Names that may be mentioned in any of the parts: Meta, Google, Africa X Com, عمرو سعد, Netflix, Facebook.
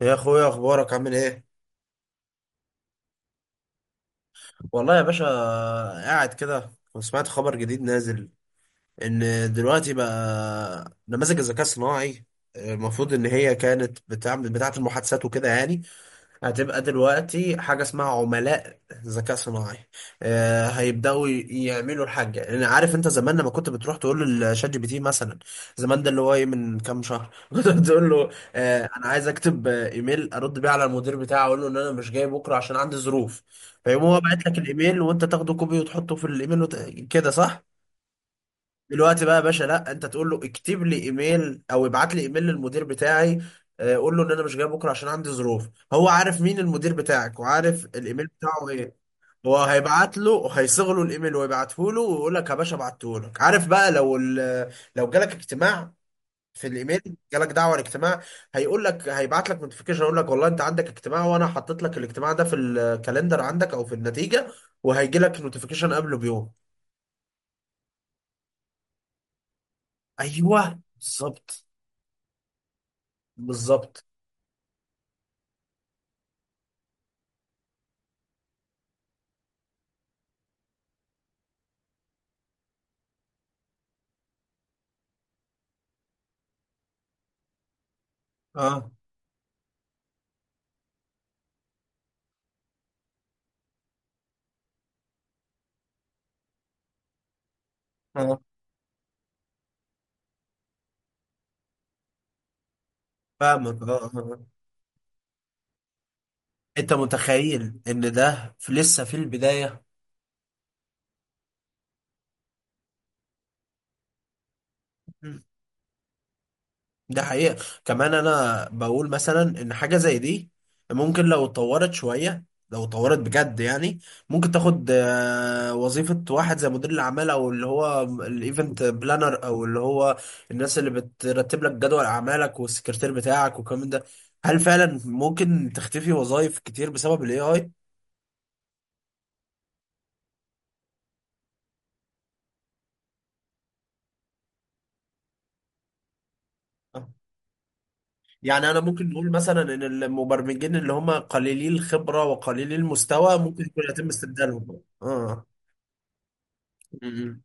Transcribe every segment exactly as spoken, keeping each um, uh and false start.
يا اخويا اخبارك عامل ايه؟ والله يا باشا، قاعد كده وسمعت خبر جديد نازل ان دلوقتي بقى نماذج الذكاء الصناعي المفروض ان هي كانت بتعمل بتاعه المحادثات وكده يعني هتبقى دلوقتي حاجة اسمها عملاء ذكاء صناعي. آه، هيبدأوا ي- يعملوا الحاجة. يعني عارف انت زمان لما كنت بتروح تقول للشات جي بي تي مثلا، زمان ده اللي هو ايه، من كام شهر كنت بتقول له آه انا عايز اكتب آه، ايميل ارد بيه على المدير بتاعي، اقول له ان انا مش جاي بكرة عشان عندي ظروف. فيقوم هو باعت لك الايميل وانت تاخده كوبي وتحطه في الايميل وت... كده صح؟ دلوقتي بقى يا باشا لا، انت تقول له اكتب لي ايميل او ابعت لي ايميل للمدير بتاعي، آه، قول له ان انا مش جاي بكره عشان عندي ظروف. هو عارف مين المدير بتاعك وعارف الايميل بتاعه ايه. هو هيبعت له وهيصغ له الايميل ويبعته له ويقول لك يا باشا بعته لك. عارف بقى لو ال- آه، لو جالك اجتماع، في الايميل جالك دعوه لاجتماع، هيقول لك، هيبعت لك نوتيفيكيشن يقول لك والله انت عندك اجتماع وانا حطيت لك الاجتماع ده في الكالندر عندك او في النتيجه، وهيجي لك نوتيفيكيشن قبله بيوم. ايوه بالظبط بالظبط. اه اه فاهمك، اه اه اه. انت متخيل ان ده في لسه في البداية؟ مم. ده حقيقة. كمان انا بقول مثلا ان حاجة زي دي ممكن لو اتطورت شوية، لو اتطورت بجد يعني، ممكن تاخد آه، وظيفة واحد زي مدير الأعمال، أو اللي هو الإيفنت بلانر، أو اللي هو الناس اللي بترتب لك جدول أعمالك والسكرتير بتاعك والكلام ده. هل فعلا ممكن تختفي وظائف كتير بسبب ال إيه آي؟ يعني انا ممكن نقول مثلا ان المبرمجين اللي هم قليلي الخبره وقليلي المستوى ممكن يكون يتم استبدالهم. اه. مم.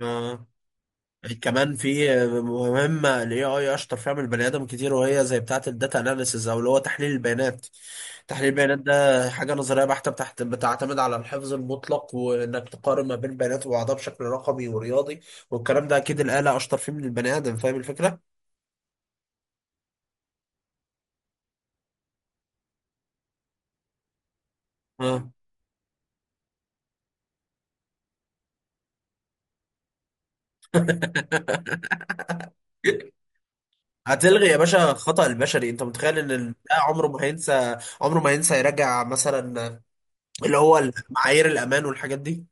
اه، كمان في مهمه الاي اي اشطر فيها من البني ادم كتير، وهي زي بتاعه الداتا اناليسز او اللي هو تحليل البيانات. تحليل البيانات ده حاجه نظريه بحته بتحت، بتعتمد على الحفظ المطلق وانك تقارن ما بين بيانات وبعضها بشكل رقمي ورياضي. والكلام ده اكيد الاله اشطر فيه من البني ادم، فاهم الفكره؟ اه. هتلغي يا باشا الخطأ البشري. انت متخيل ان ال- ده عمره ما هينسى، عمره ما هينسى يراجع مثلا اللي هو معايير الامان والحاجات دي.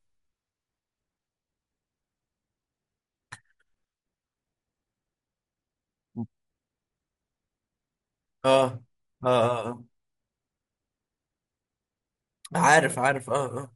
اه اه اه آه. عارف عارف اه آه.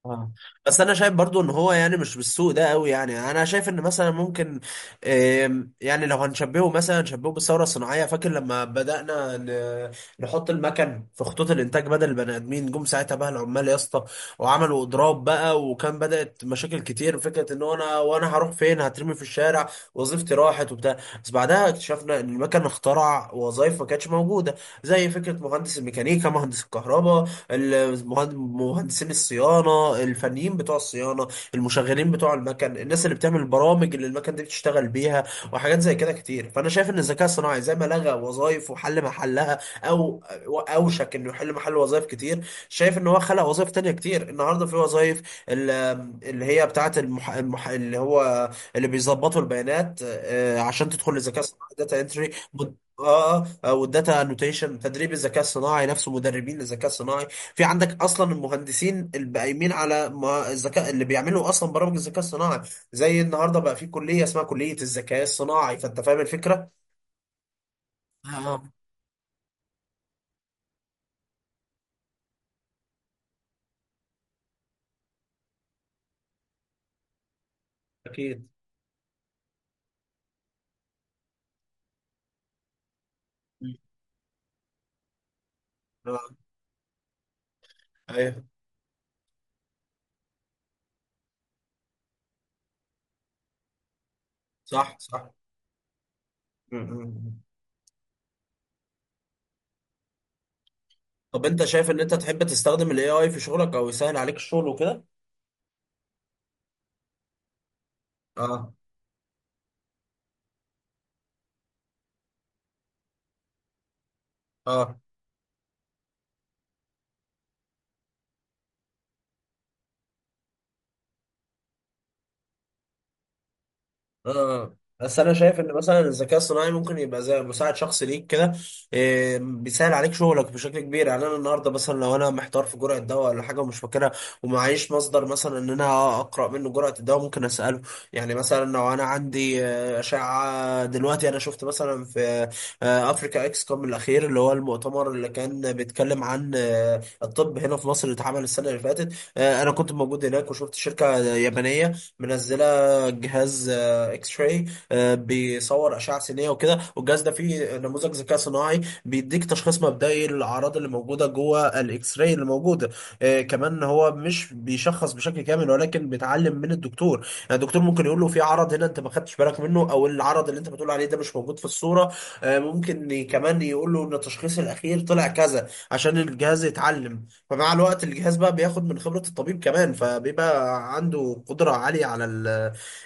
اه بس انا شايف برضو ان هو يعني مش بالسوء ده قوي. يعني انا شايف ان مثلا ممكن، آم، يعني لو هنشبهه مثلا نشبهه بالثوره الصناعيه، فاكر لما بدانا ن- نحط المكن في خطوط الانتاج بدل البني ادمين، جم ساعتها بقى العمال يا اسطى وعملوا اضراب بقى، وكان بدات مشاكل كتير فكره ان هو انا، وانا هروح فين، هترمي في الشارع، وظيفتي راحت وبتاع. بس بعدها اكتشفنا ان المكن اخترع وظائف ما كانتش موجوده، زي فكره مهندس الميكانيكا، مهندس الكهرباء، المهند- مهندسين الصيانه، الفنيين بتوع الصيانه، المشغلين بتوع المكن، الناس اللي بتعمل البرامج اللي المكن دي بتشتغل بيها، وحاجات زي كده كتير. فانا شايف ان الذكاء الصناعي زي ما لغى وظائف وحل محلها او اوشك انه يحل محل وظائف كتير، شايف ان هو خلق وظائف تانية كتير. النهارده في وظائف ال- اللي هي بتاعت المح... المح... اللي هو اللي بيظبطوا البيانات، آه، عشان تدخل للذكاء الصناعي، داتا انتري. اه، والداتا انوتيشن، تدريب الذكاء الصناعي نفسه، مدربين للذكاء الصناعي. في عندك اصلا المهندسين اللي قايمين على ما- الذكاء، اللي بيعملوا اصلا برامج الذكاء الصناعي. زي النهارده بقى في كليه اسمها كليه الذكاء الصناعي. فانت فاهم الفكره؟ اه أكيد. م. اه ايوه صح صح م- م-. طب انت شايف ان انت تحب تستخدم الاي اي في شغلك او يسهل عليك الشغل وكده؟ اه اه اه. بس انا شايف ان مثلا الذكاء الصناعي ممكن يبقى زي مساعد شخصي ليك كده، إيه، بيسهل عليك شغلك بشكل كبير. يعني انا النهارده مثلا لو انا محتار في جرعه دواء ولا حاجه ومش فاكرها ومعيش مصدر مثلا ان انا اقرا منه جرعه الدواء، ممكن اساله. يعني مثلا لو انا عندي آه، اشعه، دلوقتي انا شفت مثلا في آه، افريكا اكس كوم الاخير، اللي هو المؤتمر اللي كان بيتكلم عن آه، الطب هنا في مصر، اللي اتعمل السنه اللي فاتت، آه، انا كنت موجود هناك وشفت شركه يابانيه منزله جهاز اكس راي بيصور اشعه سينيه وكده. والجهاز ده فيه نموذج ذكاء صناعي بيديك تشخيص مبدئي للاعراض اللي موجوده جوه الاكس راي اللي موجوده. آه، كمان هو مش بيشخص بشكل كامل، ولكن بيتعلم من الدكتور. يعني الدكتور ممكن يقول له في عرض هنا انت ما خدتش بالك منه، او العرض اللي انت بتقول عليه ده مش موجود في الصوره. آه، ممكن ي- كمان يقول له ان التشخيص الاخير طلع كذا، عشان الجهاز يتعلم. فمع الوقت الجهاز بقى بياخد من خبره الطبيب كمان، فبيبقى عنده قدره عاليه على،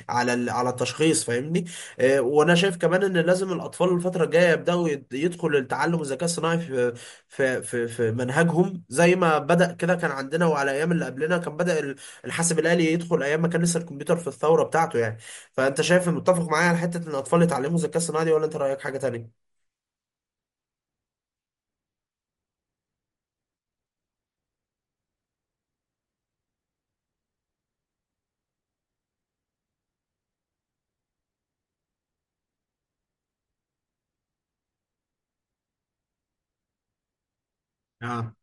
على ال- على التشخيص، فاهمني؟ آه، وانا شايف كمان ان لازم الاطفال الفتره الجايه يبداوا يد- يدخل التعلم، الذكاء الصناعي في في في في منهجهم. زي ما بدا كده كان عندنا وعلى ايام اللي قبلنا كان بدا ال- الحاسب الالي يدخل ايام ما كان لسه الكمبيوتر في الثوره بتاعته يعني. فانت شايف متفق معايا على حته ان الاطفال يتعلموا الذكاء الصناعي دي، ولا انت رايك حاجه تانية؟ اه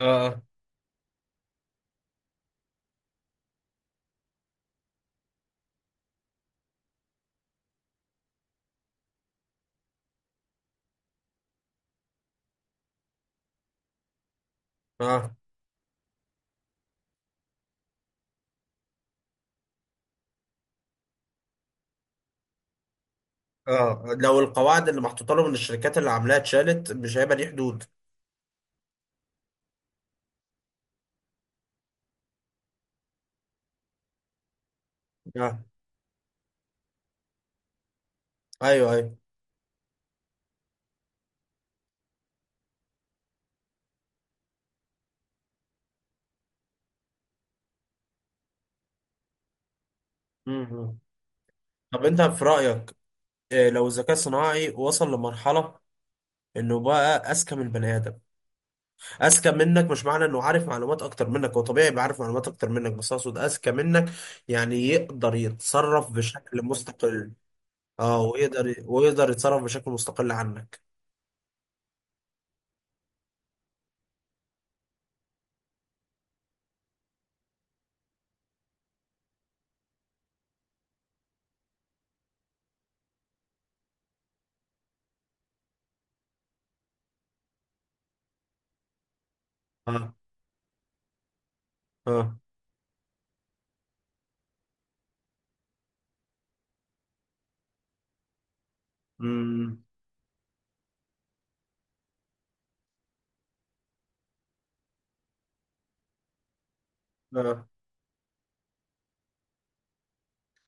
اه اه. اه لو القواعد اللي محطوطه لهم من الشركات اللي عاملاها اتشالت، مش هيبقى ليه حدود. اه ايوه ايوه. م- م. طب انت في رايك، آه، لو الذكاء الصناعي وصل لمرحلة انه بقى اذكى من البني ادم، اذكى منك، مش معنى انه عارف معلومات اكتر منك، هو طبيعي يبقى عارف معلومات اكتر منك، بس اقصد اذكى منك، يعني يقدر يتصرف بشكل مستقل. اه، ويقدر ويقدر يتصرف بشكل مستقل عنك. اه اه امم. اه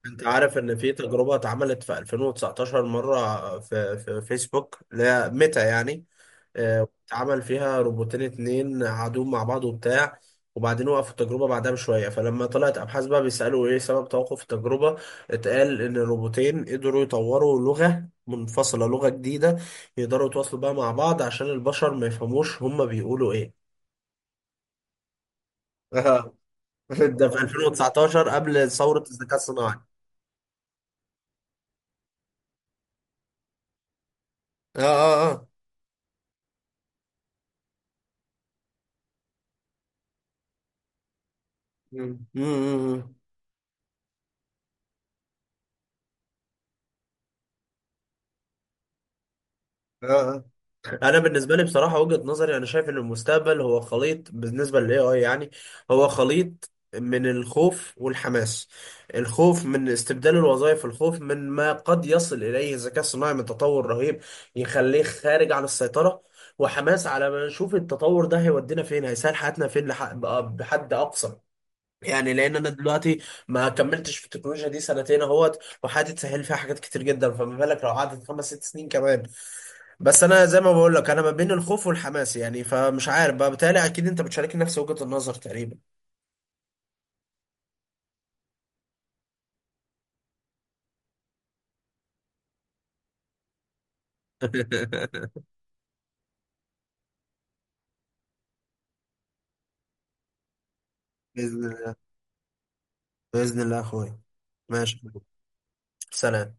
انت عارف ان في تجربة اتعملت في ألفين وتسعتاشر مرة في في فيسبوك، لا ميتا يعني، آه، اتعمل فيها روبوتين اتنين قعدوا مع بعض وبتاع، وبعدين وقفوا التجربة بعدها بشوية. فلما طلعت أبحاث بقى بيسألوا إيه سبب توقف التجربة، اتقال إن الروبوتين قدروا يطوروا لغة منفصلة، لغة جديدة، يقدروا يتواصلوا بقى مع بعض عشان البشر ما يفهموش هما بيقولوا إيه. آه. ده في ألفين وتسعتاشر قبل ثورة الذكاء الصناعي. اه اه اه. مم. مم، مم، مم. اه آه. انا بالنسبه لي بصراحه وجهه نظري، انا شايف ان المستقبل هو خليط بالنسبه للاي اي يعني. هو خليط من الخوف والحماس. الخوف من استبدال الوظائف، الخوف من ما قد يصل اليه الذكاء الصناعي من تطور رهيب يخليه خارج عن السيطره، وحماس على ما نشوف التطور ده هيودينا فين، هيسهل حياتنا فين، لح- بأ- بحد اقصى. يعني لان انا دلوقتي ما كملتش في التكنولوجيا دي سنتين اهوت، وحياتي اتسهل فيها حاجات كتير جدا، فما بالك لو قعدت خمس ست سنين كمان؟ بس انا زي ما بقول لك انا ما بين الخوف والحماس يعني، فمش عارف بقى، بتهيألي اكيد انت بتشاركني نفس وجهة النظر تقريبا. بإذن الله، بإذن الله يا أخويا، ماشي، سلام.